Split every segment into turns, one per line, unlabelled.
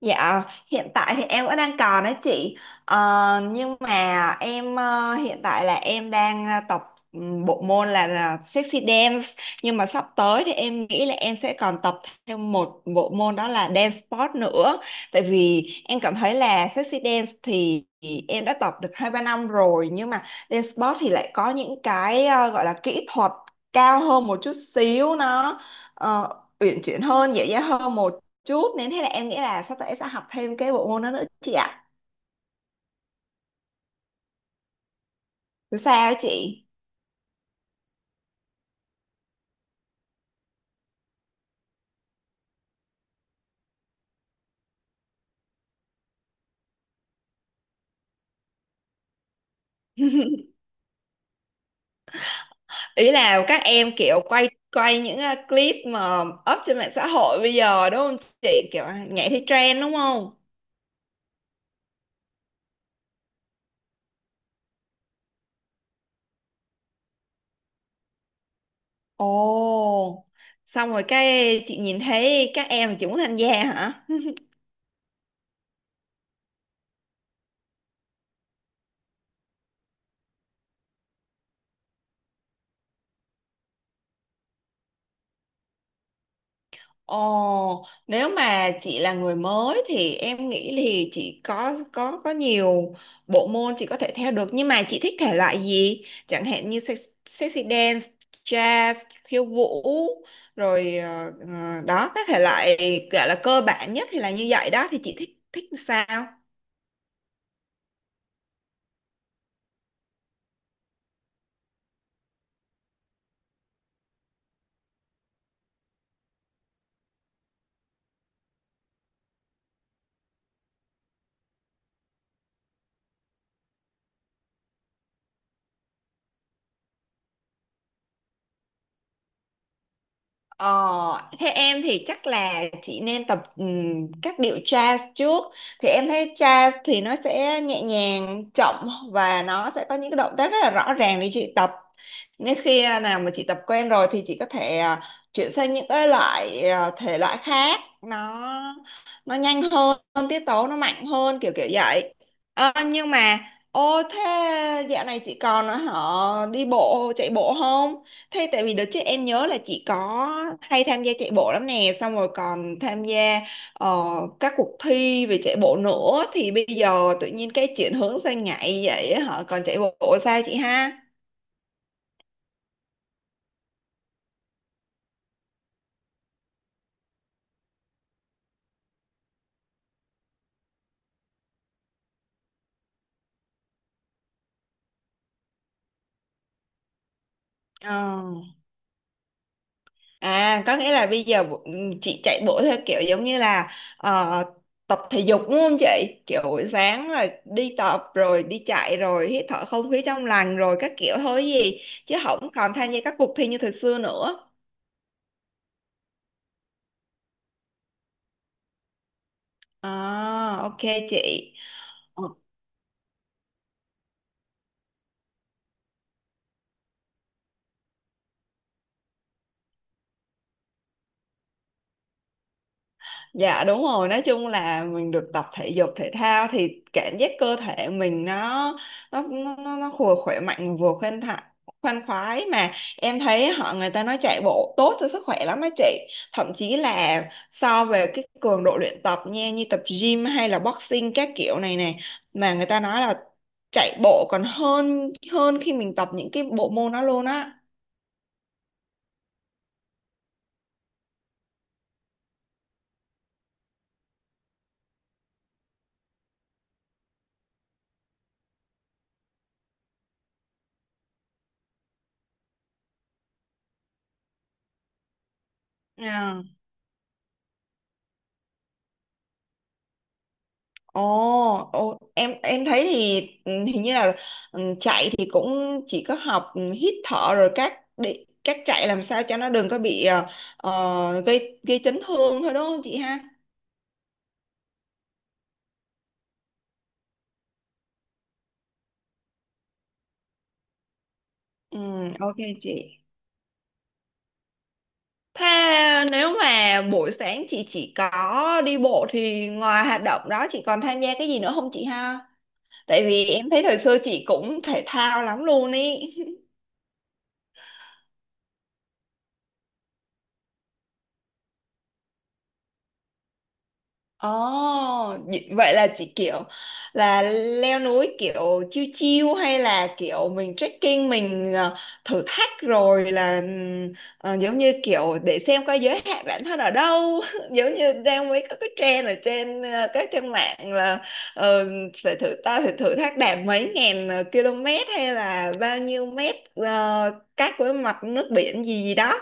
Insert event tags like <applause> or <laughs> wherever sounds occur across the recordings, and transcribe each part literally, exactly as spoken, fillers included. Dạ, hiện tại thì em vẫn đang còn đấy chị. Ờ, nhưng mà em ờ, hiện tại là em đang ờ, tập ừm, bộ môn là, là sexy dance, nhưng mà sắp tới thì em nghĩ là em sẽ còn tập thêm một bộ môn, đó là dance sport nữa. Tại vì em cảm thấy là sexy dance thì em đã tập được hai ba năm rồi, nhưng mà dance sport thì lại có những cái ờ, gọi là kỹ thuật cao hơn một chút xíu, nó ờ, uyển chuyển hơn, dễ dàng hơn một chút, nên thế là em nghĩ là sắp tới em sẽ học thêm cái bộ môn đó nữa chị ạ. Thì sao chị, ý là các em kiểu quay quay những ờ, clip mà up trên mạng xã hội bây giờ đúng không chị, kiểu à, nhảy theo trend đúng không? Ồ, xong rồi cái chị nhìn thấy các em chị muốn tham gia hả? Ồ, nếu mà chị là người mới thì em nghĩ thì chị có có có nhiều bộ môn chị có thể theo được, nhưng mà chị thích thể loại gì? Chẳng hạn như sex- sexy dance, jazz, khiêu vũ rồi ờ, ờ, đó các thể loại gọi là cơ bản nhất thì là như vậy đó, thì chị thích thích sao? Ờ, Thế em thì chắc là chị nên tập ừm, các điệu jazz trước, thì em thấy jazz thì nó sẽ nhẹ nhàng chậm và nó sẽ có những cái động tác rất là rõ ràng để chị tập. Nên khi nào mà chị tập quen rồi thì chị có thể à, chuyển sang những cái loại à, thể loại khác, nó nó nhanh hơn, tiết tấu nó mạnh hơn, kiểu kiểu vậy. Ờ, nhưng mà ô, thế dạo này chị còn họ đi bộ chạy bộ không? Thế tại vì đợt trước em nhớ là chị có hay tham gia chạy bộ lắm nè, xong rồi còn tham gia ờ, các cuộc thi về chạy bộ nữa, thì bây giờ tự nhiên cái chuyển hướng sang nhảy vậy á hả? Còn chạy bộ sao chị ha? Ờ. À, có nghĩa là bây giờ bộ- chị chạy bộ theo kiểu giống như là ờ, tập thể dục đúng không chị? Kiểu buổi sáng là đi tập rồi đi chạy rồi hít thở không khí trong lành rồi các kiểu thôi gì, chứ không còn tham gia các cuộc thi như thời xưa nữa. À, ok chị. Ờ, Dạ đúng rồi, nói chung là mình được tập thể dục thể thao thì cảm giác cơ thể mình nó nó nó nó nó vừa khỏe mạnh vừa khoan thai khoan khoái, mà em thấy họ người ta nói chạy bộ tốt cho sức khỏe lắm á chị. Thậm chí là so về cái cường độ luyện tập nha, như tập gym hay là boxing các kiểu này này, mà người ta nói là chạy bộ còn hơn hơn khi mình tập những cái bộ môn đó luôn á. Ồ, ồ, em em thấy thì ừ, hình như là ừ, chạy thì cũng chỉ có học ừ, hít thở rồi các để các chạy làm sao cho nó đừng có bị ờ, ờ, gây gây chấn thương thôi đúng không chị ha? Ừ, ok chị. Thế nếu mà buổi sáng chị chỉ có đi bộ thì ngoài hoạt động đó chị còn tham gia cái gì nữa không chị ha? Tại vì em thấy thời xưa chị cũng thể thao lắm luôn ý. Ồ, vậy vậy là chỉ kiểu là leo núi kiểu chiêu chiêu, hay là kiểu mình trekking mình ờ, thử thách rồi là ừm, ờ, giống như kiểu để xem coi giới hạn bản thân ở đâu <laughs> giống như đang mấy có cái trend ở trên ờ, các trang mạng là ờ, phải thử ta phải thử thách đạt mấy ngàn ờ, km hay là bao nhiêu mét ờ, cách với mặt nước biển gì gì đó.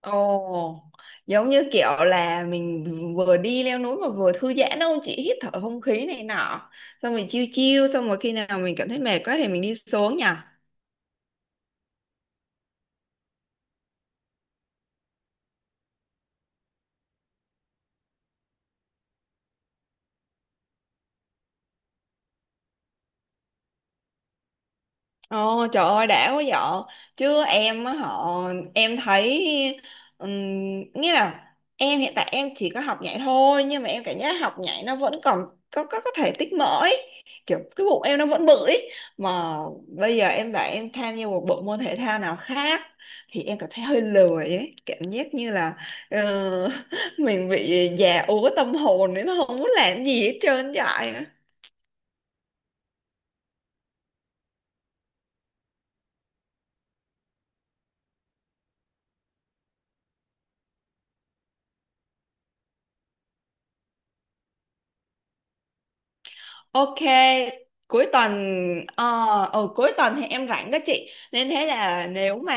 Ồ, giống như kiểu là mình vừa đi leo núi mà vừa thư giãn đâu chị, hít thở không khí này nọ, xong rồi chiêu chiêu, xong rồi khi nào mình cảm thấy mệt quá thì mình đi xuống nhỉ. Ồ, trời ơi đã quá vợ, chứ em á họ em thấy ừm, nghĩa là em hiện tại em chỉ có học nhảy thôi, nhưng mà em cảm giác học nhảy nó vẫn còn có có có thể tích mỡ ấy. Kiểu cái bụng em nó vẫn bự ấy. Mà bây giờ em bảo em tham gia một bộ môn thể thao nào khác thì em cảm thấy hơi lười ấy, cảm giác như là ờ, <laughs> mình bị già úa tâm hồn nên nó không muốn làm gì hết trơn vậy. Ok, cuối tuần ờ ừ, cuối tuần thì em rảnh đó chị. Nên thế là nếu mà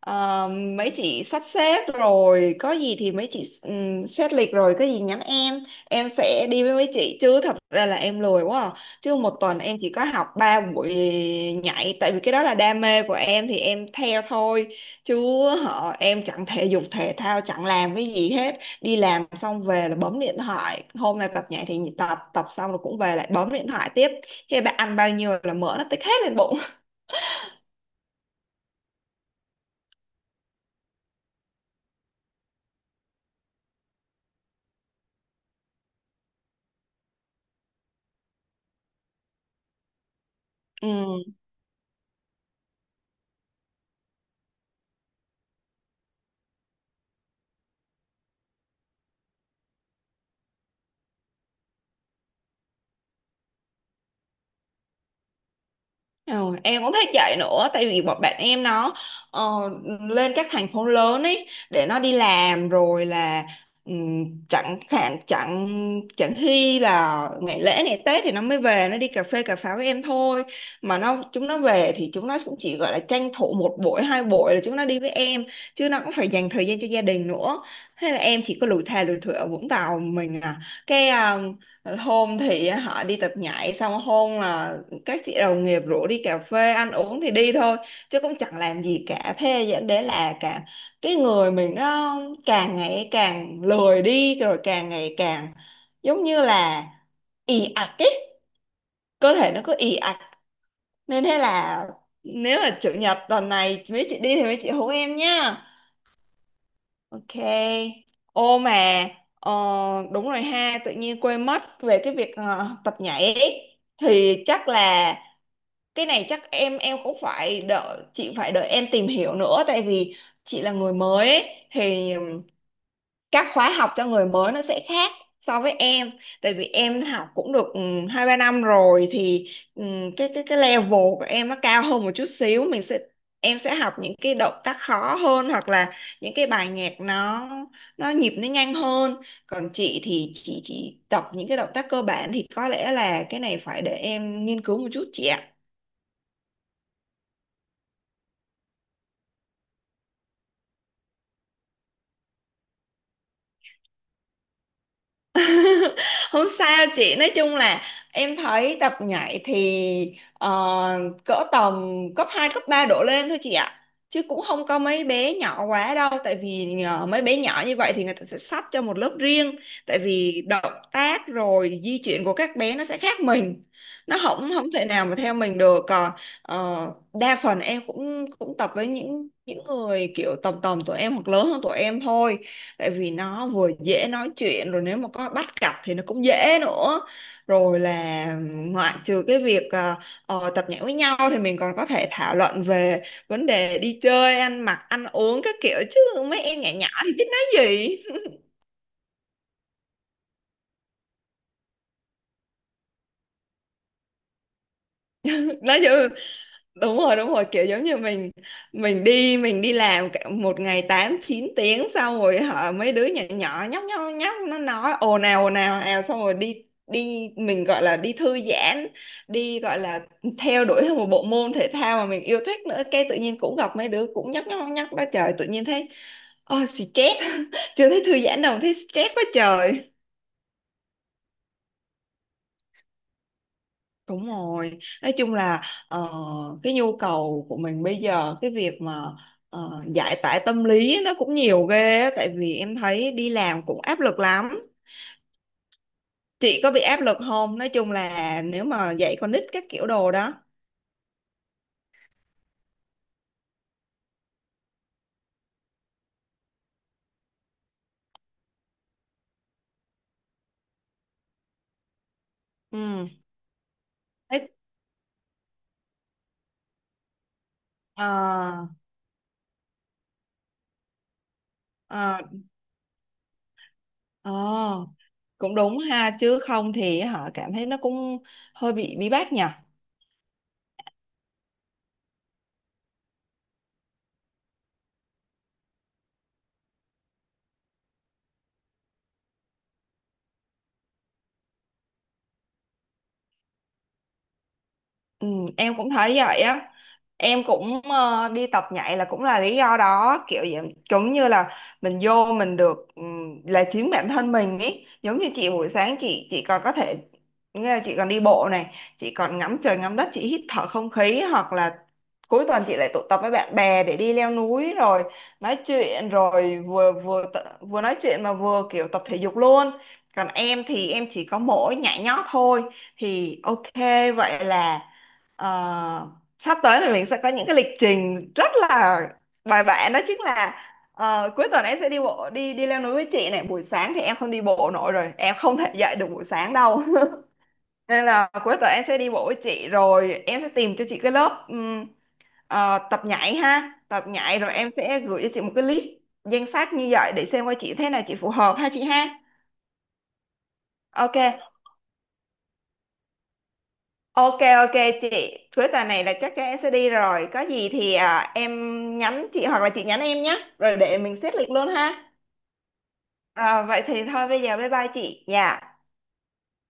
ờ, mấy chị sắp xếp rồi có gì thì mấy chị um, xét lịch rồi có gì nhắn em, em sẽ đi với mấy chị, chứ thật ra là em lười quá à. Chứ một tuần em chỉ có học ba buổi nhảy, tại vì cái đó là đam mê của em thì em theo thôi. Chứ họ em chẳng thể dục thể thao chẳng làm cái gì hết, đi làm xong về là bấm điện thoại, hôm nay tập nhảy thì tập, tập xong rồi cũng về lại bấm điện thoại tiếp, khi bạn ăn bao nhiêu là mỡ nó tích hết lên bụng. <laughs> Ừ. Ờ, em cũng thích chạy nữa, tại vì bọn bạn em nó ờ, lên các thành phố lớn ấy để nó đi làm, rồi là ừm, chẳng hạn chẳng chẳng khi là ngày lễ ngày Tết thì nó mới về, nó đi cà phê cà pháo với em thôi. Mà nó chúng nó về thì chúng nó cũng chỉ gọi là tranh thủ một buổi hai buổi là chúng nó đi với em, chứ nó cũng phải dành thời gian cho gia đình nữa. Thế là em chỉ có lủi thà lủi thủi ở Vũng Tàu mình à, cái ờ, hôm thì họ đi tập nhảy, xong hôm là các chị đồng nghiệp rủ đi cà phê ăn uống thì đi thôi, chứ cũng chẳng làm gì cả. Thế dẫn đến là cả cái người mình nó càng ngày càng lười đi, rồi càng ngày càng giống như là ì ạch ấy, cơ thể nó cứ ì ạch. Nên thế là nếu là chủ nhật tuần này mấy chị đi thì mấy chị hú em nhá. Ok. Ô mà ờ, đúng rồi ha, tự nhiên quên mất về cái việc ờ, tập nhảy ấy. Thì chắc là cái này chắc em em cũng phải đợi chị, phải đợi em tìm hiểu nữa, tại vì chị là người mới ấy, thì các khóa học cho người mới nó sẽ khác so với em. Tại vì em học cũng được ừ, hai ba năm rồi thì ừ, cái cái cái level của em nó cao hơn một chút xíu, mình sẽ em sẽ học những cái động tác khó hơn, hoặc là những cái bài nhạc nó nó nhịp nó nhanh hơn, còn chị thì chị chỉ tập những cái động tác cơ bản, thì có lẽ là cái này phải để em nghiên cứu một chút chị ạ. <laughs> Không sao chị, nói chung là em thấy tập nhảy thì ờ, cỡ tầm cấp hai cấp ba đổ lên thôi chị ạ, chứ cũng không có mấy bé nhỏ quá đâu. Tại vì nhờ mấy bé nhỏ như vậy thì người ta sẽ sắp cho một lớp riêng, tại vì động tác rồi di chuyển của các bé nó sẽ khác mình, nó không không thể nào mà theo mình được. Còn ờ, đa phần em cũng cũng tập với những những người kiểu tầm tầm tuổi em hoặc lớn hơn tuổi em thôi, tại vì nó vừa dễ nói chuyện, rồi nếu mà có bắt cặp thì nó cũng dễ nữa. Rồi là ngoại trừ cái việc ờ, ờ, tập nhảy với nhau thì mình còn có thể thảo luận về vấn đề đi chơi ăn mặc ăn uống các kiểu, chứ mấy em nhỏ nhỏ thì biết nói gì. <laughs> Nói gì, đúng rồi đúng rồi, kiểu giống như mình mình đi mình đi làm cả một ngày tám chín tiếng, xong rồi hả mấy đứa nhỏ nhỏ nhóc nhóc nhóc nó nói ồn ào ồn ào ào xong rồi đi, đi mình gọi là đi thư giãn, đi gọi là theo đuổi theo một bộ môn thể thao mà mình yêu thích nữa, cái tự nhiên cũng gặp mấy đứa cũng nhóc nhóc nhóc đó, trời tự nhiên thấy oh, stress. <laughs> Chưa thấy thư giãn đâu thấy stress quá trời. Đúng rồi, nói chung là ờ, cái nhu cầu của mình bây giờ cái việc mà ờ, giải tỏa tâm lý nó cũng nhiều ghê á, tại vì em thấy đi làm cũng áp lực lắm. Chị có bị áp lực không? Nói chung là nếu mà dạy con nít các kiểu đồ đó. Ừ. Thế, ờ, ờ, ờ, cũng đúng ha, chứ không thì hả cảm thấy nó cũng hơi bị bí bách nhỉ. Ừ, em cũng thấy vậy á, em cũng ờ, đi tập nhảy là cũng là lý do đó kiểu vậy, giống như là mình vô mình được ừm, là chính bản thân mình ý. Giống như chị buổi sáng chị chị còn có thể, nghĩa là chị còn đi bộ này, chị còn ngắm trời ngắm đất, chị hít thở không khí, hoặc là cuối tuần chị lại tụ tập với bạn bè để đi leo núi rồi nói chuyện, rồi vừa vừa tự- vừa nói chuyện mà vừa kiểu tập thể dục luôn. Còn em thì em chỉ có mỗi nhảy nhót thôi, thì ok vậy là. Ờ, sắp tới thì mình sẽ có những cái lịch trình rất là bài bản, đó chính là ờ, cuối tuần em sẽ đi bộ đi đi leo núi với chị này, buổi sáng thì em không đi bộ nổi rồi, em không thể dậy được buổi sáng đâu. <laughs> Nên là cuối tuần em sẽ đi bộ với chị, rồi em sẽ tìm cho chị cái lớp ừm, ờ, tập nhảy ha, tập nhảy rồi em sẽ gửi cho chị một cái list danh sách như vậy để xem coi chị thế nào, chị phù hợp ha chị ha. Ok. Ok ok chị, cuối tuần này là chắc chắn em sẽ đi rồi. Có gì thì à, em nhắn chị hoặc là chị nhắn em nhé. Rồi để mình xét lịch luôn ha. À, vậy thì thôi bây giờ bye bye chị. Dạ.